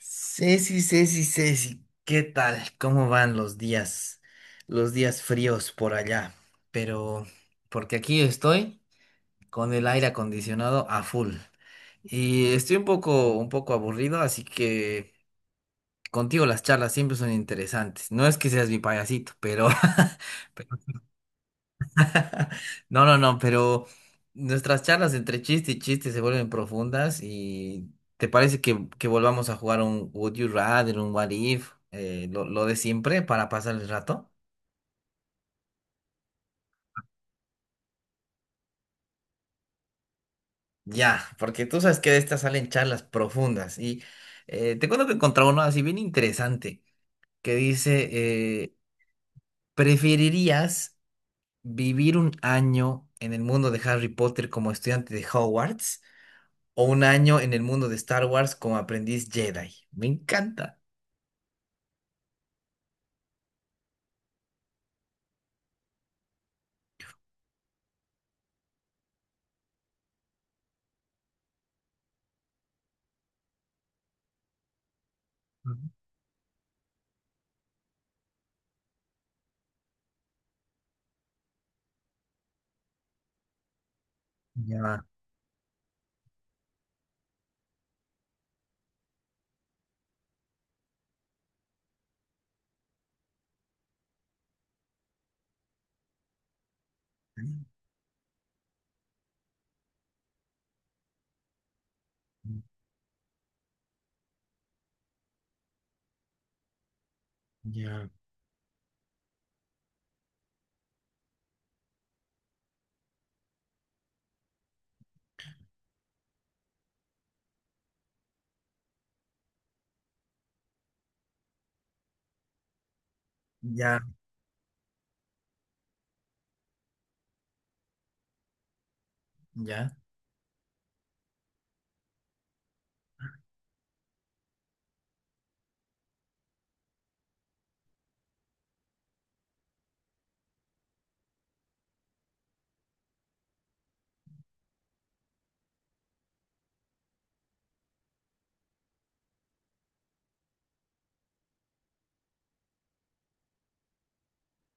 Ceci, ¿qué tal? ¿Cómo van los días fríos por allá? Pero, porque aquí estoy con el aire acondicionado a full y estoy un poco aburrido, así que contigo las charlas siempre son interesantes. No es que seas mi payasito, pero, No, no, no, pero nuestras charlas entre chiste y chiste se vuelven profundas y ¿te parece que volvamos a jugar un Would You Rather, un What If, lo de siempre para pasar el rato? Ya, porque tú sabes que de estas salen charlas profundas y te cuento que encontré uno así bien interesante que dice, eh, ¿preferirías vivir un año en el mundo de Harry Potter como estudiante de Hogwarts? O un año en el mundo de Star Wars como aprendiz Jedi. Me encanta. Ujú. Ya, ya, ya, ya.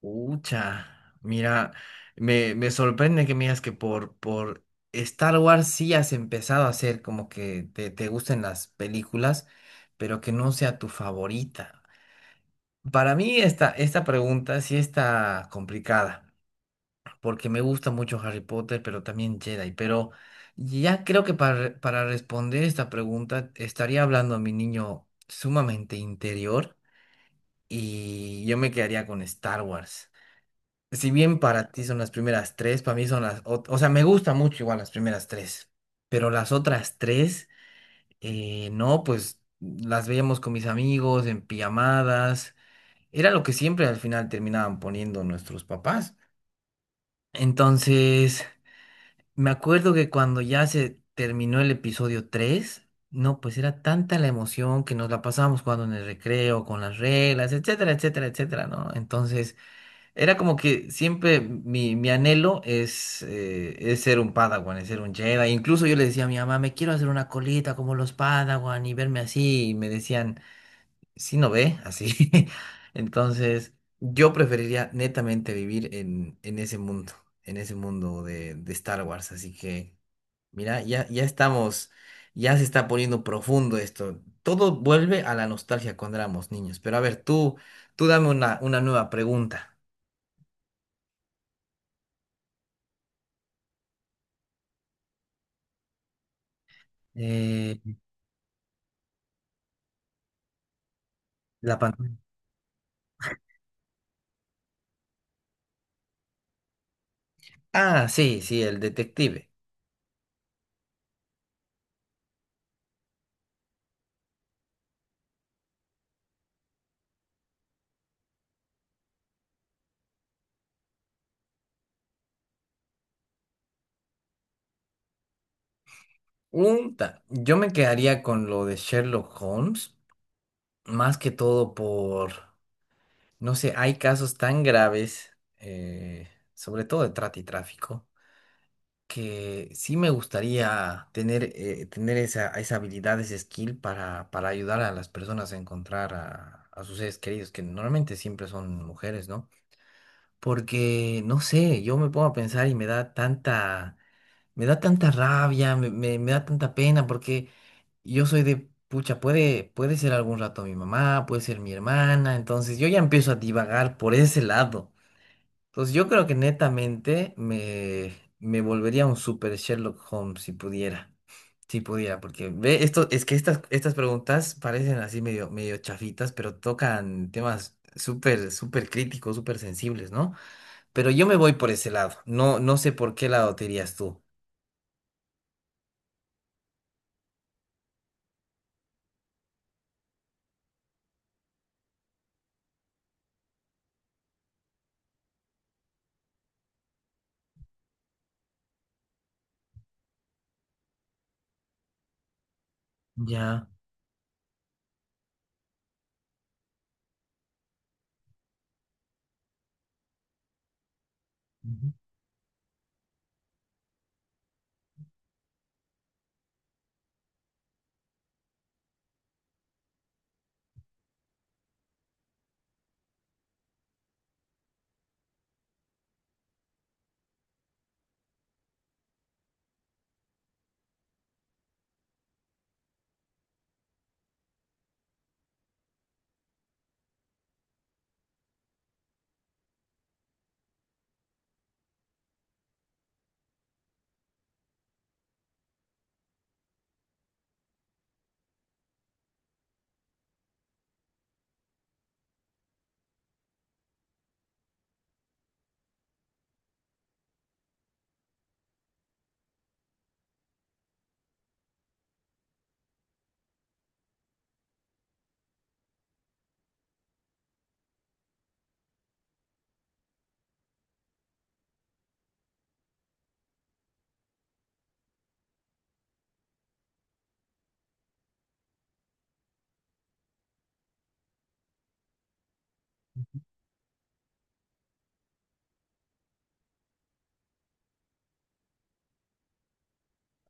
Ucha. Mira, me sorprende que me digas que por Star Wars sí has empezado a hacer como que te gusten las películas, pero que no sea tu favorita. Para mí esta pregunta sí está complicada, porque me gusta mucho Harry Potter, pero también Jedi. Pero ya creo que para responder esta pregunta estaría hablando a mi niño sumamente interior y yo me quedaría con Star Wars. Si bien para ti son las primeras tres, para mí son las... O sea, me gusta mucho igual las primeras tres, pero las otras tres, no, pues las veíamos con mis amigos en pijamadas. Era lo que siempre al final terminaban poniendo nuestros papás. Entonces... Me acuerdo que cuando ya se terminó el episodio 3 no, pues era tanta la emoción que nos la pasábamos jugando en el recreo, con las reglas, etcétera, etcétera, etcétera, ¿no? Entonces, era como que siempre mi anhelo es ser un Padawan, es ser un Jedi. Incluso yo le decía a mi mamá, me quiero hacer una colita como los Padawan y verme así. Y me decían, si no ve, así. Entonces, yo preferiría netamente vivir en ese mundo de Star Wars. Así que. Mira, ya, ya estamos, ya se está poniendo profundo esto. Todo vuelve a la nostalgia cuando éramos niños. Pero a ver, tú dame una nueva pregunta. Eh, la pantalla. Ah, sí, sí, el detective. Yo me quedaría con lo de Sherlock Holmes, más que todo por, no sé, hay casos tan graves, sobre todo de trata y tráfico, que sí me gustaría tener, tener esa habilidad, ese skill para ayudar a las personas a encontrar a sus seres queridos, que normalmente siempre son mujeres, ¿no? Porque, no sé, yo me pongo a pensar y me da tanta rabia, me da tanta pena, porque yo soy de, pucha, puede, puede ser algún rato mi mamá, puede ser mi hermana, entonces yo ya empiezo a divagar por ese lado. Entonces yo creo que netamente me volvería un super Sherlock Holmes si pudiera. Si pudiera, porque ve, esto, es que estas preguntas parecen así medio, medio chafitas, pero tocan temas súper, súper críticos, súper sensibles, ¿no? Pero yo me voy por ese lado. No, no sé por qué lado te irías tú. Ya. Ujú.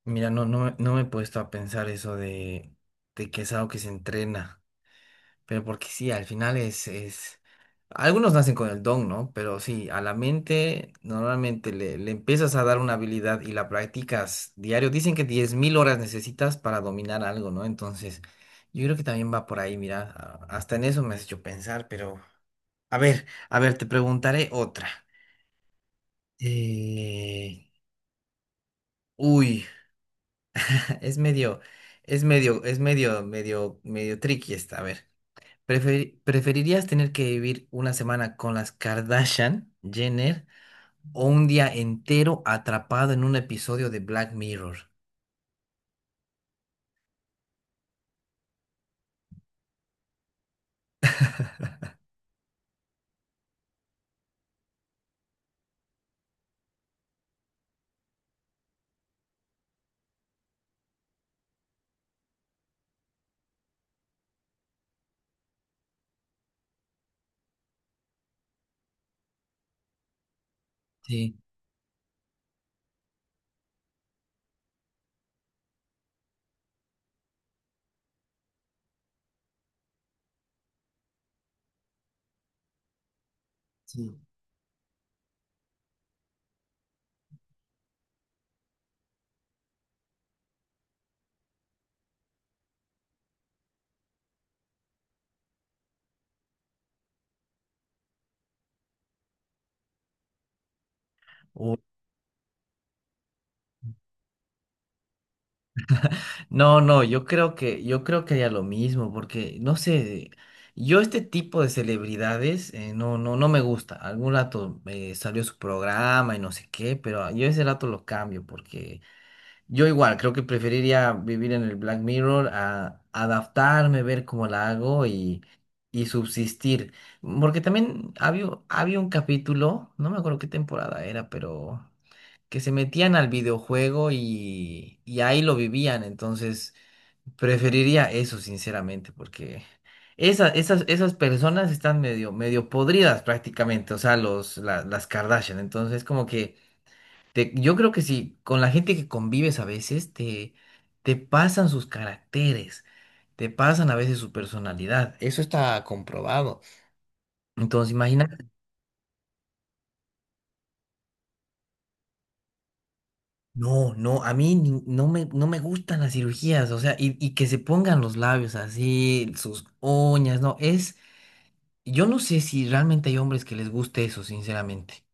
Mira, no me he puesto a pensar eso de que es algo que se entrena. Pero porque sí, al final es... Algunos nacen con el don, ¿no? Pero sí, a la mente normalmente le empiezas a dar una habilidad y la practicas diario. Dicen que 10.000 horas necesitas para dominar algo, ¿no? Entonces, yo creo que también va por ahí, mira, hasta en eso me has hecho pensar, pero... a ver, te preguntaré otra. Eh, Uy, es medio, es medio, es medio, medio tricky esta, a ver. ¿Preferirías tener que vivir una semana con las Kardashian, Jenner, o un día entero atrapado en un episodio de Black Mirror? Sí. Sí. Uy, no, no, yo creo que haría lo mismo, porque no sé, yo este tipo de celebridades no, no, no me gusta. Algún rato salió su programa y no sé qué, pero yo ese rato lo cambio, porque yo igual, creo que preferiría vivir en el Black Mirror a adaptarme, ver cómo la hago y subsistir. Porque también había un capítulo, no me acuerdo qué temporada era, pero que se metían al videojuego y ahí lo vivían. Entonces, preferiría eso, sinceramente, porque esas personas están medio, medio podridas prácticamente, o sea, las Kardashian. Entonces, como que yo creo que si con la gente que convives a veces te pasan sus caracteres, te pasan a veces su personalidad, eso está comprobado. Entonces, imagina, no, no, a mí ni- no me, no me gustan las cirugías, o sea, y que se pongan los labios así, sus uñas, no, es, yo no sé si realmente hay hombres que les guste eso, sinceramente.